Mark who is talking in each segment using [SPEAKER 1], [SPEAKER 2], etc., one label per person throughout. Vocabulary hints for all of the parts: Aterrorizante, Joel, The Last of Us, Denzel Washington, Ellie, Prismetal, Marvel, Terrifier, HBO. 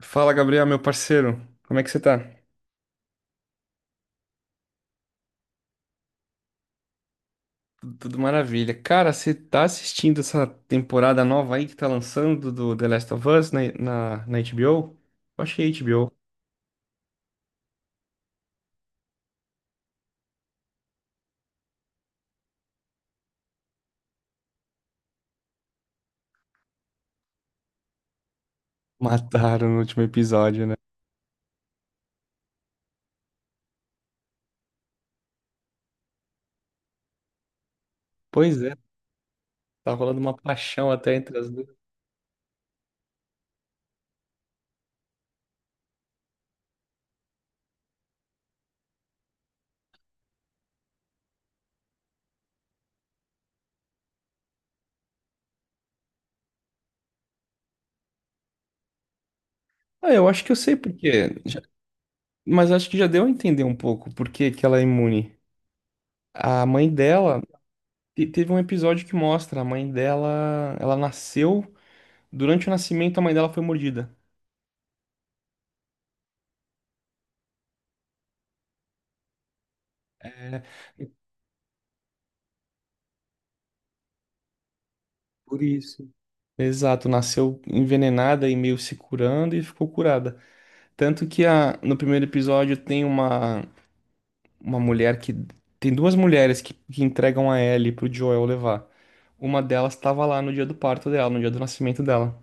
[SPEAKER 1] Fala, Gabriel, meu parceiro. Como é que você tá? Tudo maravilha. Cara, você tá assistindo essa temporada nova aí que tá lançando do The Last of Us na HBO? Eu achei HBO. Mataram no último episódio, né? Pois é, tá rolando uma paixão até entre as duas. Ah, eu acho que eu sei por quê, mas acho que já deu a entender um pouco por que que ela é imune. A mãe dela, teve um episódio que mostra, a mãe dela, ela nasceu, durante o nascimento a mãe dela foi mordida. É, é por isso. Exato, nasceu envenenada e meio se curando e ficou curada. Tanto que a, no primeiro episódio tem uma mulher que. Tem duas mulheres que entregam a Ellie pro Joel levar. Uma delas estava lá no dia do parto dela, no dia do nascimento dela.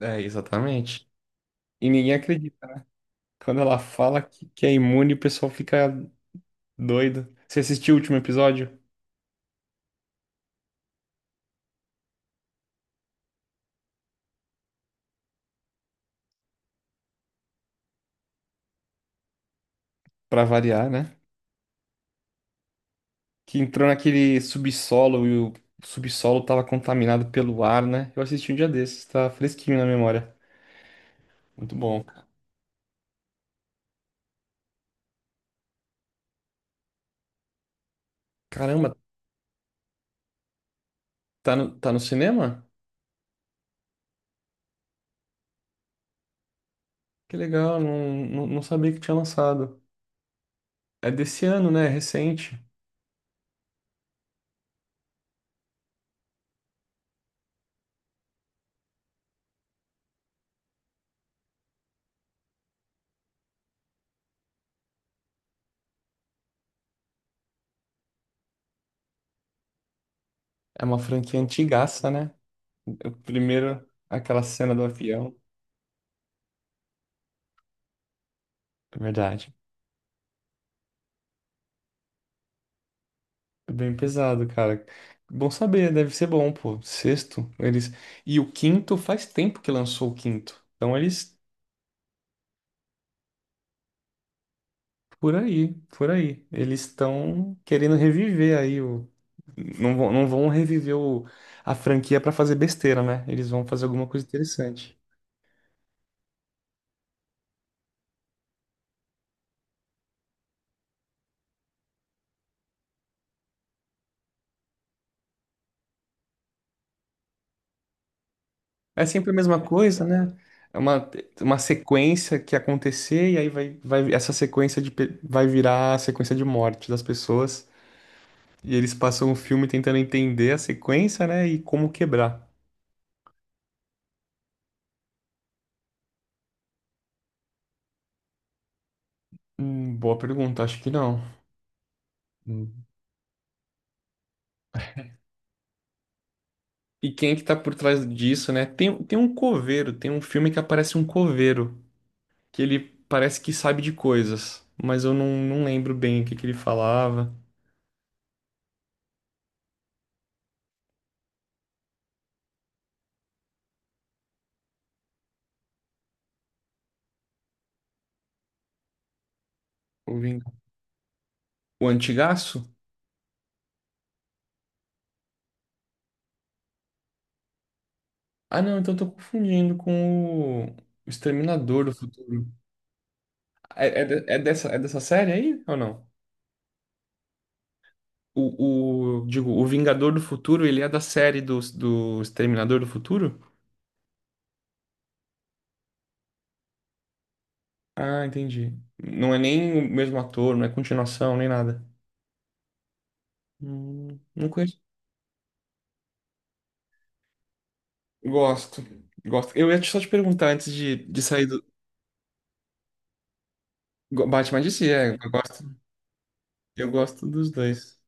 [SPEAKER 1] É, exatamente. E ninguém acredita. Quando ela fala que é imune, o pessoal fica doido. Você assistiu o último episódio? Pra variar, né? Que entrou naquele subsolo e o subsolo tava contaminado pelo ar, né? Eu assisti um dia desses, tá fresquinho na memória. Muito bom. Caramba, tá no, tá no cinema? Que legal, não sabia que tinha lançado. É desse ano, né? É recente. É uma franquia antigaça, né? O primeiro, aquela cena do avião. É verdade. É bem pesado, cara. Bom saber, deve ser bom, pô. Sexto, eles. E o quinto faz tempo que lançou o quinto. Então eles. Por aí, por aí. Eles estão querendo reviver aí o. Não vão reviver o... a franquia para fazer besteira, né? Eles vão fazer alguma coisa interessante. É sempre a mesma coisa, né? É uma sequência que acontecer e aí vai, vai essa vai virar a sequência de morte das pessoas. E eles passam o filme tentando entender a sequência, né? E como quebrar. Boa pergunta, acho que não. E quem é que tá por trás disso, né? Tem um coveiro, tem um filme que aparece um coveiro, que ele parece que sabe de coisas, mas eu não lembro bem o que que ele falava. O Ving- o Antigaço? Ah, não, então eu tô confundindo com o Exterminador do Futuro. É dessa, é dessa série aí ou não? Digo, o Vingador do Futuro, ele é da série do Exterminador do Futuro? Ah, entendi. Não é nem o mesmo ator, não é continuação, nem nada. Não conheço. Gosto, gosto. Eu ia só te perguntar antes de sair do. Batman DC, é, eu gosto dos dois.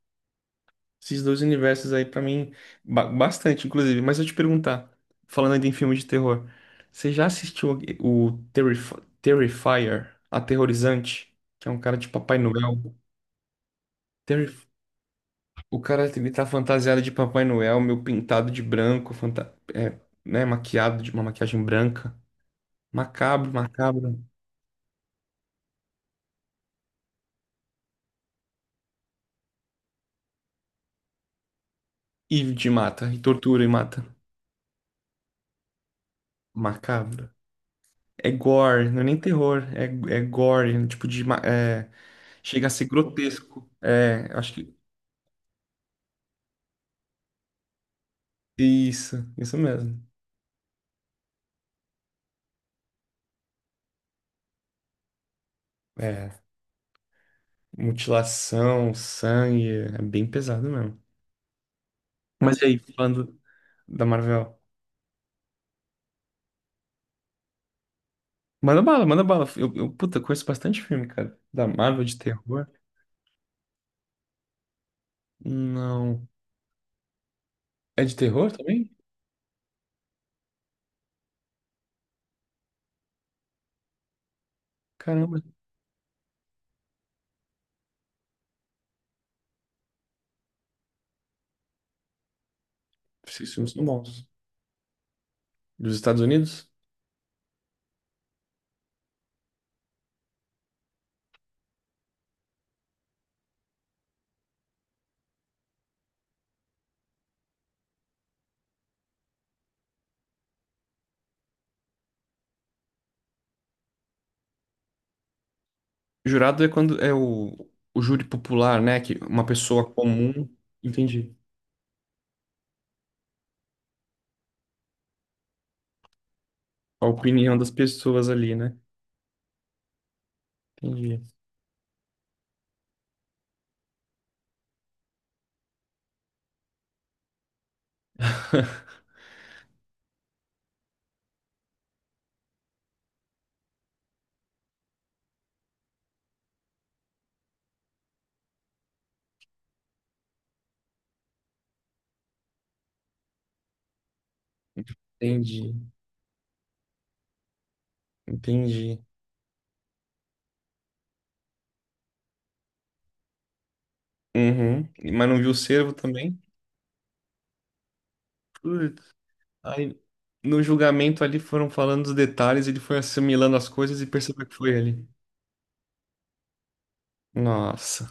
[SPEAKER 1] Esses dois universos aí, pra mim, bastante, inclusive. Mas eu te perguntar, falando ainda em filme de terror, você já assistiu o Terrifier, Aterrorizante, que é um cara de Papai Noel? Terri- O cara, ele tá fantasiado de Papai Noel, meu pintado de branco, fanta... é, né, maquiado de uma maquiagem branca. Macabro, macabro. E de mata, e tortura e mata. Macabro. É gore, não é nem terror, é, é gore, né? Tipo de. É, chega a ser grotesco. É, acho que. Isso mesmo. É, mutilação, sangue, é bem pesado mesmo. Mas e aí, falando da Marvel? Manda bala, manda bala. Puta, conheço bastante filme, cara. Da Marvel, de terror. Não. É de terror também? Caramba, esses filmes são bons. Dos Estados Unidos? Jurado é quando é o júri popular, né? Que uma pessoa comum. Entendi. A opinião das pessoas ali, né? Entendi. Entendi. Entendi. Uhum. Mas não viu o servo também? Putz. Aí, no julgamento ali foram falando os detalhes, ele foi assimilando as coisas e percebeu que foi ele. Nossa.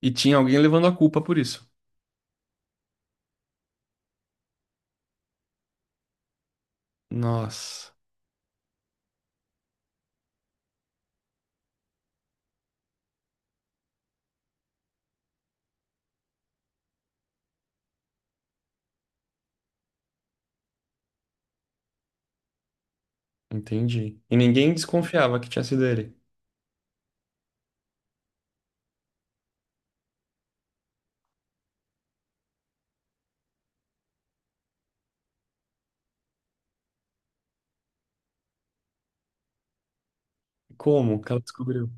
[SPEAKER 1] E tinha alguém levando a culpa por isso. Nossa. Entendi. E ninguém desconfiava que tinha sido ele. Como que ela descobriu?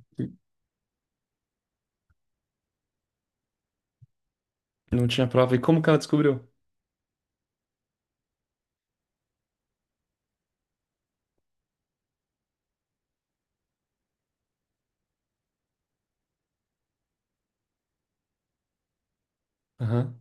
[SPEAKER 1] Não tinha prova. E como que ela descobriu? Aham.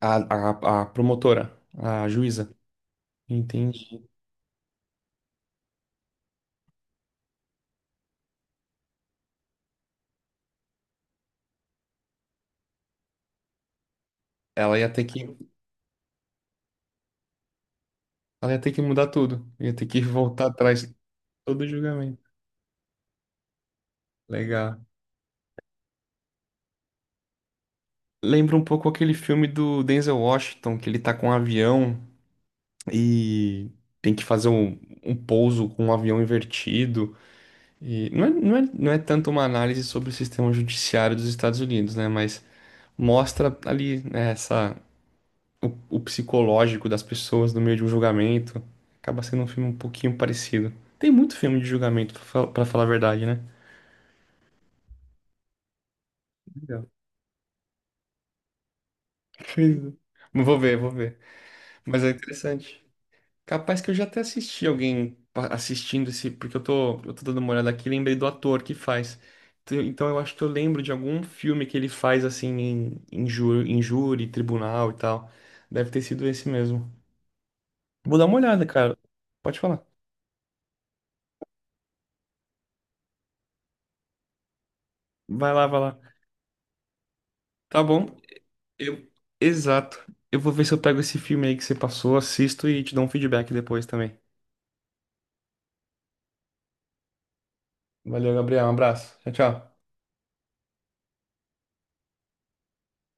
[SPEAKER 1] A promotora, a juíza, entendi. Ela ia ter que, ela ia ter que mudar tudo. Ia ter que voltar atrás de todo o julgamento. Legal. Lembra um pouco aquele filme do Denzel Washington, que ele tá com um avião e tem que fazer um, um pouso com um avião invertido. E não é tanto uma análise sobre o sistema judiciário dos Estados Unidos, né? Mas mostra ali, né, essa. O, o psicológico das pessoas no meio de um julgamento. Acaba sendo um filme um pouquinho parecido. Tem muito filme de julgamento, pra falar a verdade, né? Legal. Pois é. Mas vou ver, vou ver. Mas é interessante. Capaz que eu já até assisti assistindo esse, porque eu tô dando uma olhada aqui e lembrei do ator que faz. Então eu acho que eu lembro de algum filme que ele faz assim em júri, tribunal e tal. Deve ter sido esse mesmo. Vou dar uma olhada, cara. Pode falar. Vai lá, vai lá. Tá bom. Eu... Exato. Eu vou ver se eu pego esse filme aí que você passou, assisto e te dou um feedback depois também. Valeu, Gabriel. Um abraço. Tchau, tchau.